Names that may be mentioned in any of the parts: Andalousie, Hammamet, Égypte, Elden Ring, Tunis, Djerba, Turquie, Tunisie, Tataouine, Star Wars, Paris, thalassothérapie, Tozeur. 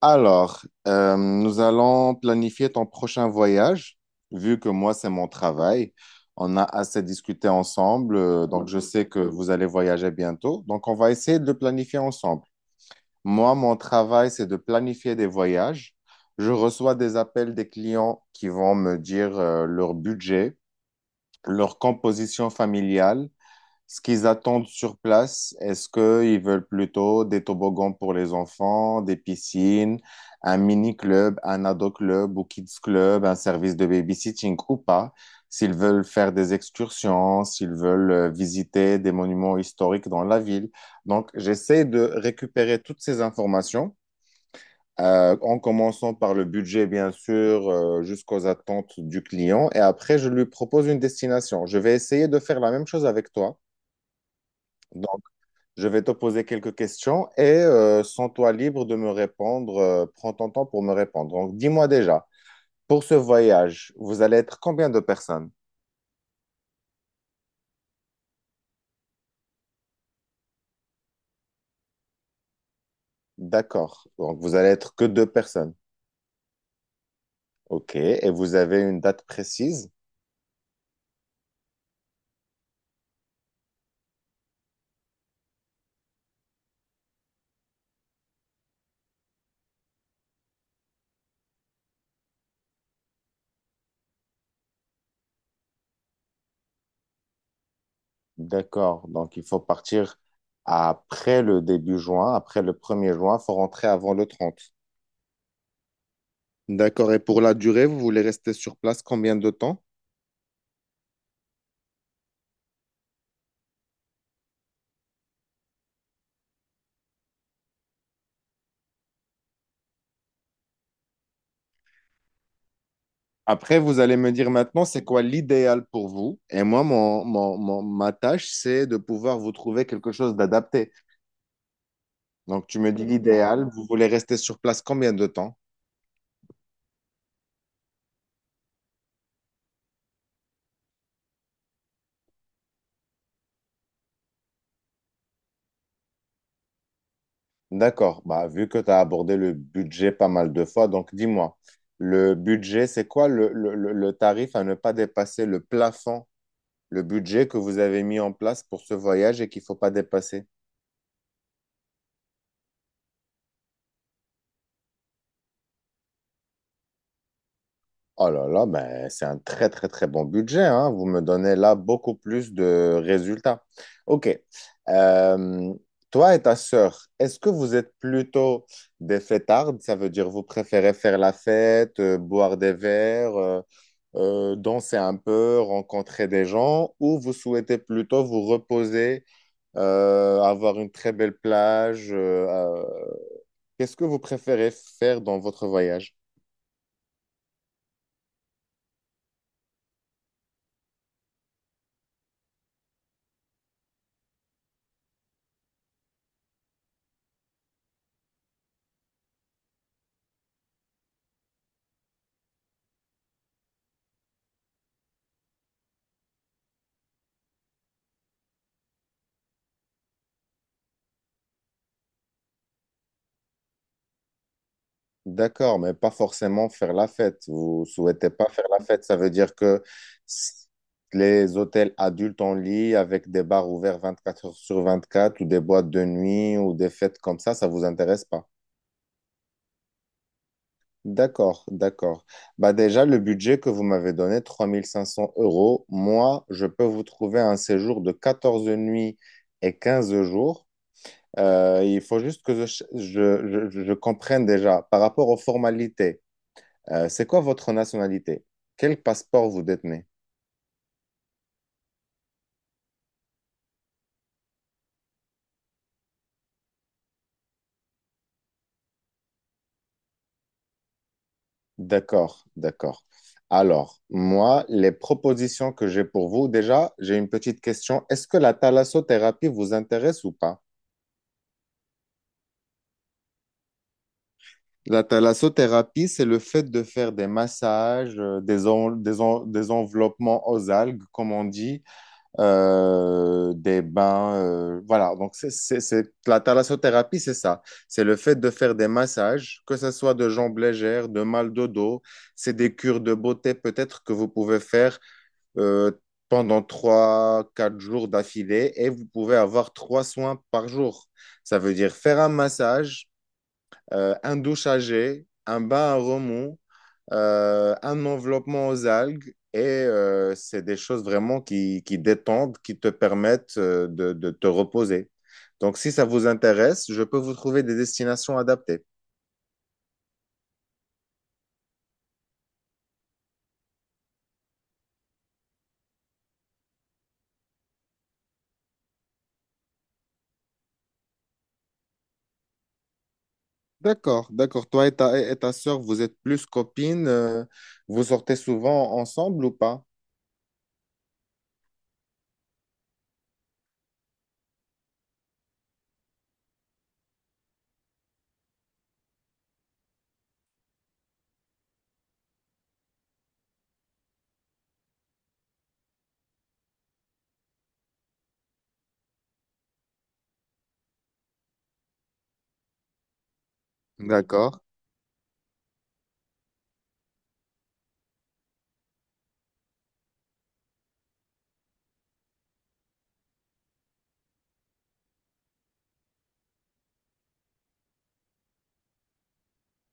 Alors, nous allons planifier ton prochain voyage, vu que moi, c'est mon travail. On a assez discuté ensemble, donc je sais que vous allez voyager bientôt. Donc, on va essayer de le planifier ensemble. Moi, mon travail, c'est de planifier des voyages. Je reçois des appels des clients qui vont me dire, leur budget, leur composition familiale, ce qu'ils attendent sur place. Est-ce qu'ils veulent plutôt des toboggans pour les enfants, des piscines, un mini-club, un ado-club ou kids-club, un service de babysitting ou pas? S'ils veulent faire des excursions, s'ils veulent visiter des monuments historiques dans la ville. Donc, j'essaie de récupérer toutes ces informations, en commençant par le budget, bien sûr, jusqu'aux attentes du client. Et après, je lui propose une destination. Je vais essayer de faire la même chose avec toi. Je vais te poser quelques questions et sens-toi libre de me répondre. Prends ton temps pour me répondre. Donc, dis-moi déjà, pour ce voyage, vous allez être combien de personnes? D'accord. Donc, vous allez être que deux personnes. OK. Et vous avez une date précise? D'accord. Donc, il faut partir après le début juin, après le 1er juin. Il faut rentrer avant le 30. D'accord. Et pour la durée, vous voulez rester sur place combien de temps? Après, vous allez me dire maintenant, c'est quoi l'idéal pour vous? Et moi, ma tâche, c'est de pouvoir vous trouver quelque chose d'adapté. Donc, tu me dis l'idéal, vous voulez rester sur place combien de temps? D'accord. Bah, vu que tu as abordé le budget pas mal de fois, donc dis-moi, le budget, c'est quoi le tarif à ne pas dépasser, le budget que vous avez mis en place pour ce voyage et qu'il ne faut pas dépasser. Oh là là, mais c'est un très très très bon budget, hein. Vous me donnez là beaucoup plus de résultats. Ok. Euh, Toi et ta sœur, est-ce que vous êtes plutôt des fêtardes? Ça veut dire vous préférez faire la fête, boire des verres, danser un peu, rencontrer des gens, ou vous souhaitez plutôt vous reposer, avoir une très belle plage. Qu'est-ce que vous préférez faire dans votre voyage? D'accord, mais pas forcément faire la fête. Vous souhaitez pas faire la fête, ça veut dire que s- les hôtels adultes en lit avec des bars ouverts 24 heures sur 24 ou des boîtes de nuit ou des fêtes comme ça vous intéresse pas. D'accord, d'accord. Bah déjà, le budget que vous m'avez donné, 3500 euros, moi, je peux vous trouver un séjour de 14 nuits et 15 jours. Il faut juste que je comprenne déjà par rapport aux formalités. C'est quoi votre nationalité? Quel passeport vous détenez? D'accord, d'accord. Alors, moi, les propositions que j'ai pour vous, déjà, j'ai une petite question. Est-ce que la thalassothérapie vous intéresse ou pas? La thalassothérapie, c'est le fait de faire des massages, des enveloppements aux algues, comme on dit, des bains. Voilà, donc la thalassothérapie, c'est ça. C'est le fait de faire des massages, que ce soit de jambes légères, de mal de dos. C'est des cures de beauté peut-être que vous pouvez faire euh, pendant trois quatre jours d'affilée et vous pouvez avoir trois soins par jour. Ça veut dire faire un massage, un douchage, un bain à remous, un enveloppement aux algues. Et c'est des choses vraiment qui détendent, qui te permettent de te reposer. Donc, si ça vous intéresse, je peux vous trouver des destinations adaptées. D'accord, d'accord. Toi et ta sœur, vous êtes plus copines, vous sortez souvent ensemble ou pas? D'accord.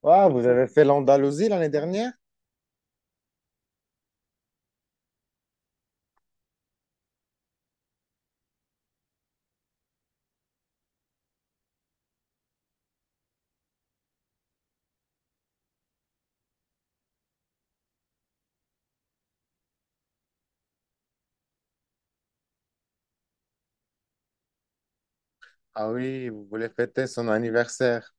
Ah, vous avez fait l'Andalousie l'année dernière? Ah oui, vous voulez fêter son anniversaire.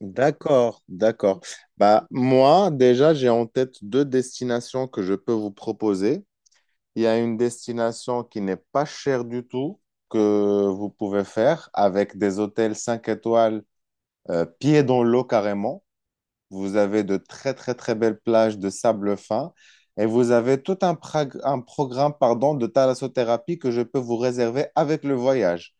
D'accord, d'accord. Bah, moi, déjà, j'ai en tête deux destinations que je peux vous proposer. Il y a une destination qui n'est pas chère du tout, que vous pouvez faire avec des hôtels 5 étoiles, pieds dans l'eau carrément. Vous avez de très, très, très belles plages de sable fin. Et vous avez tout un programme, pardon, de thalassothérapie que je peux vous réserver avec le voyage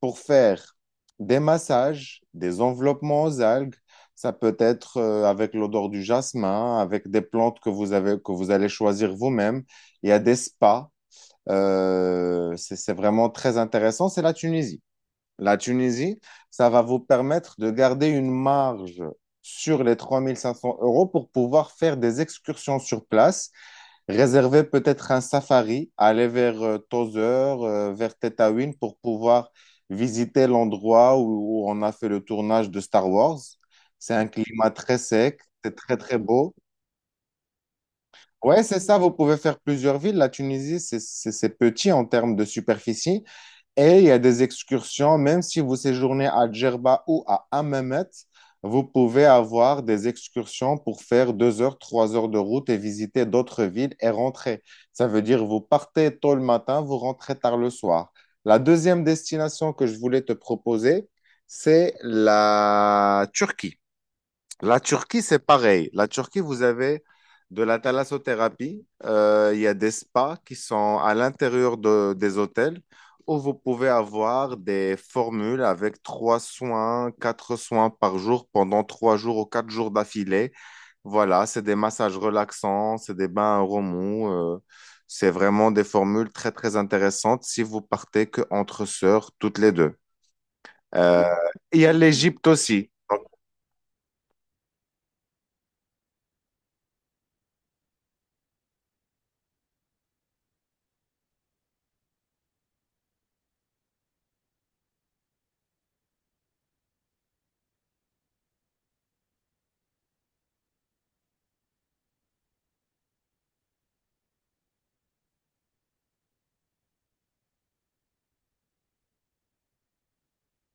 pour faire des massages, des enveloppements aux algues. Ça peut être avec l'odeur du jasmin, avec des plantes que vous avez, que vous allez choisir vous-même. Il y a des spas. C'est vraiment très intéressant. C'est la Tunisie, ça va vous permettre de garder une marge sur les 3 500 € pour pouvoir faire des excursions sur place, réserver peut-être un safari, aller vers Tozeur, vers Tataouine pour pouvoir visiter l'endroit où, où on a fait le tournage de Star Wars. C'est un climat très sec, c'est très très beau. Ouais, c'est ça, vous pouvez faire plusieurs villes. La Tunisie, c'est petit en termes de superficie. Et il y a des excursions, même si vous séjournez à Djerba ou à Hammamet, vous pouvez avoir des excursions pour faire 2 heures, 3 heures de route et visiter d'autres villes et rentrer. Ça veut dire vous partez tôt le matin, vous rentrez tard le soir. La deuxième destination que je voulais te proposer, c'est la Turquie. La Turquie, c'est pareil. La Turquie, vous avez de la thalassothérapie. Il y a des spas qui sont à l'intérieur des hôtels où vous pouvez avoir des formules avec trois soins, quatre soins par jour pendant 3 jours ou 4 jours d'affilée. Voilà, c'est des massages relaxants, c'est des bains à remous. C'est vraiment des formules très, très intéressantes si vous partez que entre sœurs, toutes les deux. Euh, il y a l'Égypte aussi.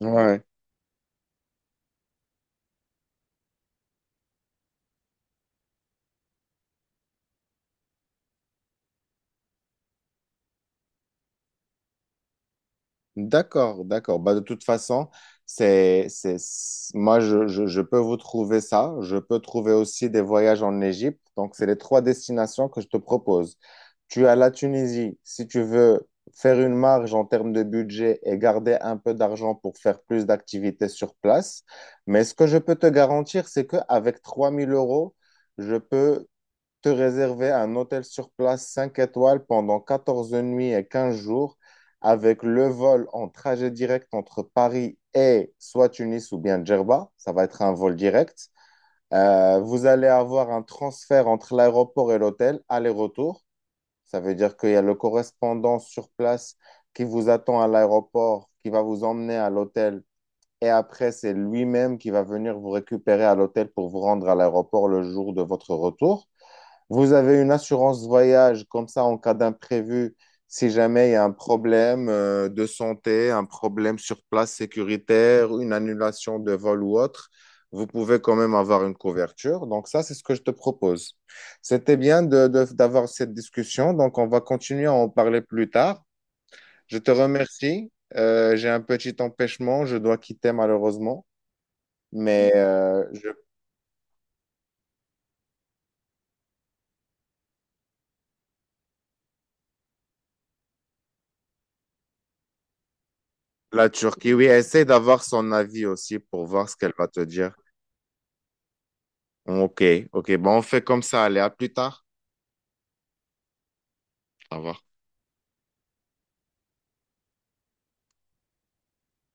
Ouais. D'accord, d'accord. Bah, de toute façon, moi, je peux vous trouver ça. Je peux trouver aussi des voyages en Égypte. Donc, c'est les trois destinations que je te propose. Tu as la Tunisie, si tu veux faire une marge en termes de budget et garder un peu d'argent pour faire plus d'activités sur place. Mais ce que je peux te garantir, c'est qu'avec 3000 euros, je peux te réserver un hôtel sur place 5 étoiles pendant 14 nuits et 15 jours avec le vol en trajet direct entre Paris et soit Tunis ou bien Djerba. Ça va être un vol direct. Vous allez avoir un transfert entre l'aéroport et l'hôtel, aller-retour. Ça veut dire qu'il y a le correspondant sur place qui vous attend à l'aéroport, qui va vous emmener à l'hôtel. Et après, c'est lui-même qui va venir vous récupérer à l'hôtel pour vous rendre à l'aéroport le jour de votre retour. Vous avez une assurance voyage comme ça en cas d'imprévu, si jamais il y a un problème de santé, un problème sur place sécuritaire, une annulation de vol ou autre, vous pouvez quand même avoir une couverture. Donc ça, c'est ce que je te propose. C'était bien d'avoir cette discussion, donc on va continuer à en parler plus tard. Je te remercie. J'ai un petit empêchement, je dois quitter malheureusement, mais la Turquie, oui, essaie d'avoir son avis aussi pour voir ce qu'elle va te dire. Ok, ok. Bon, on fait comme ça. Allez, à plus tard. Au revoir.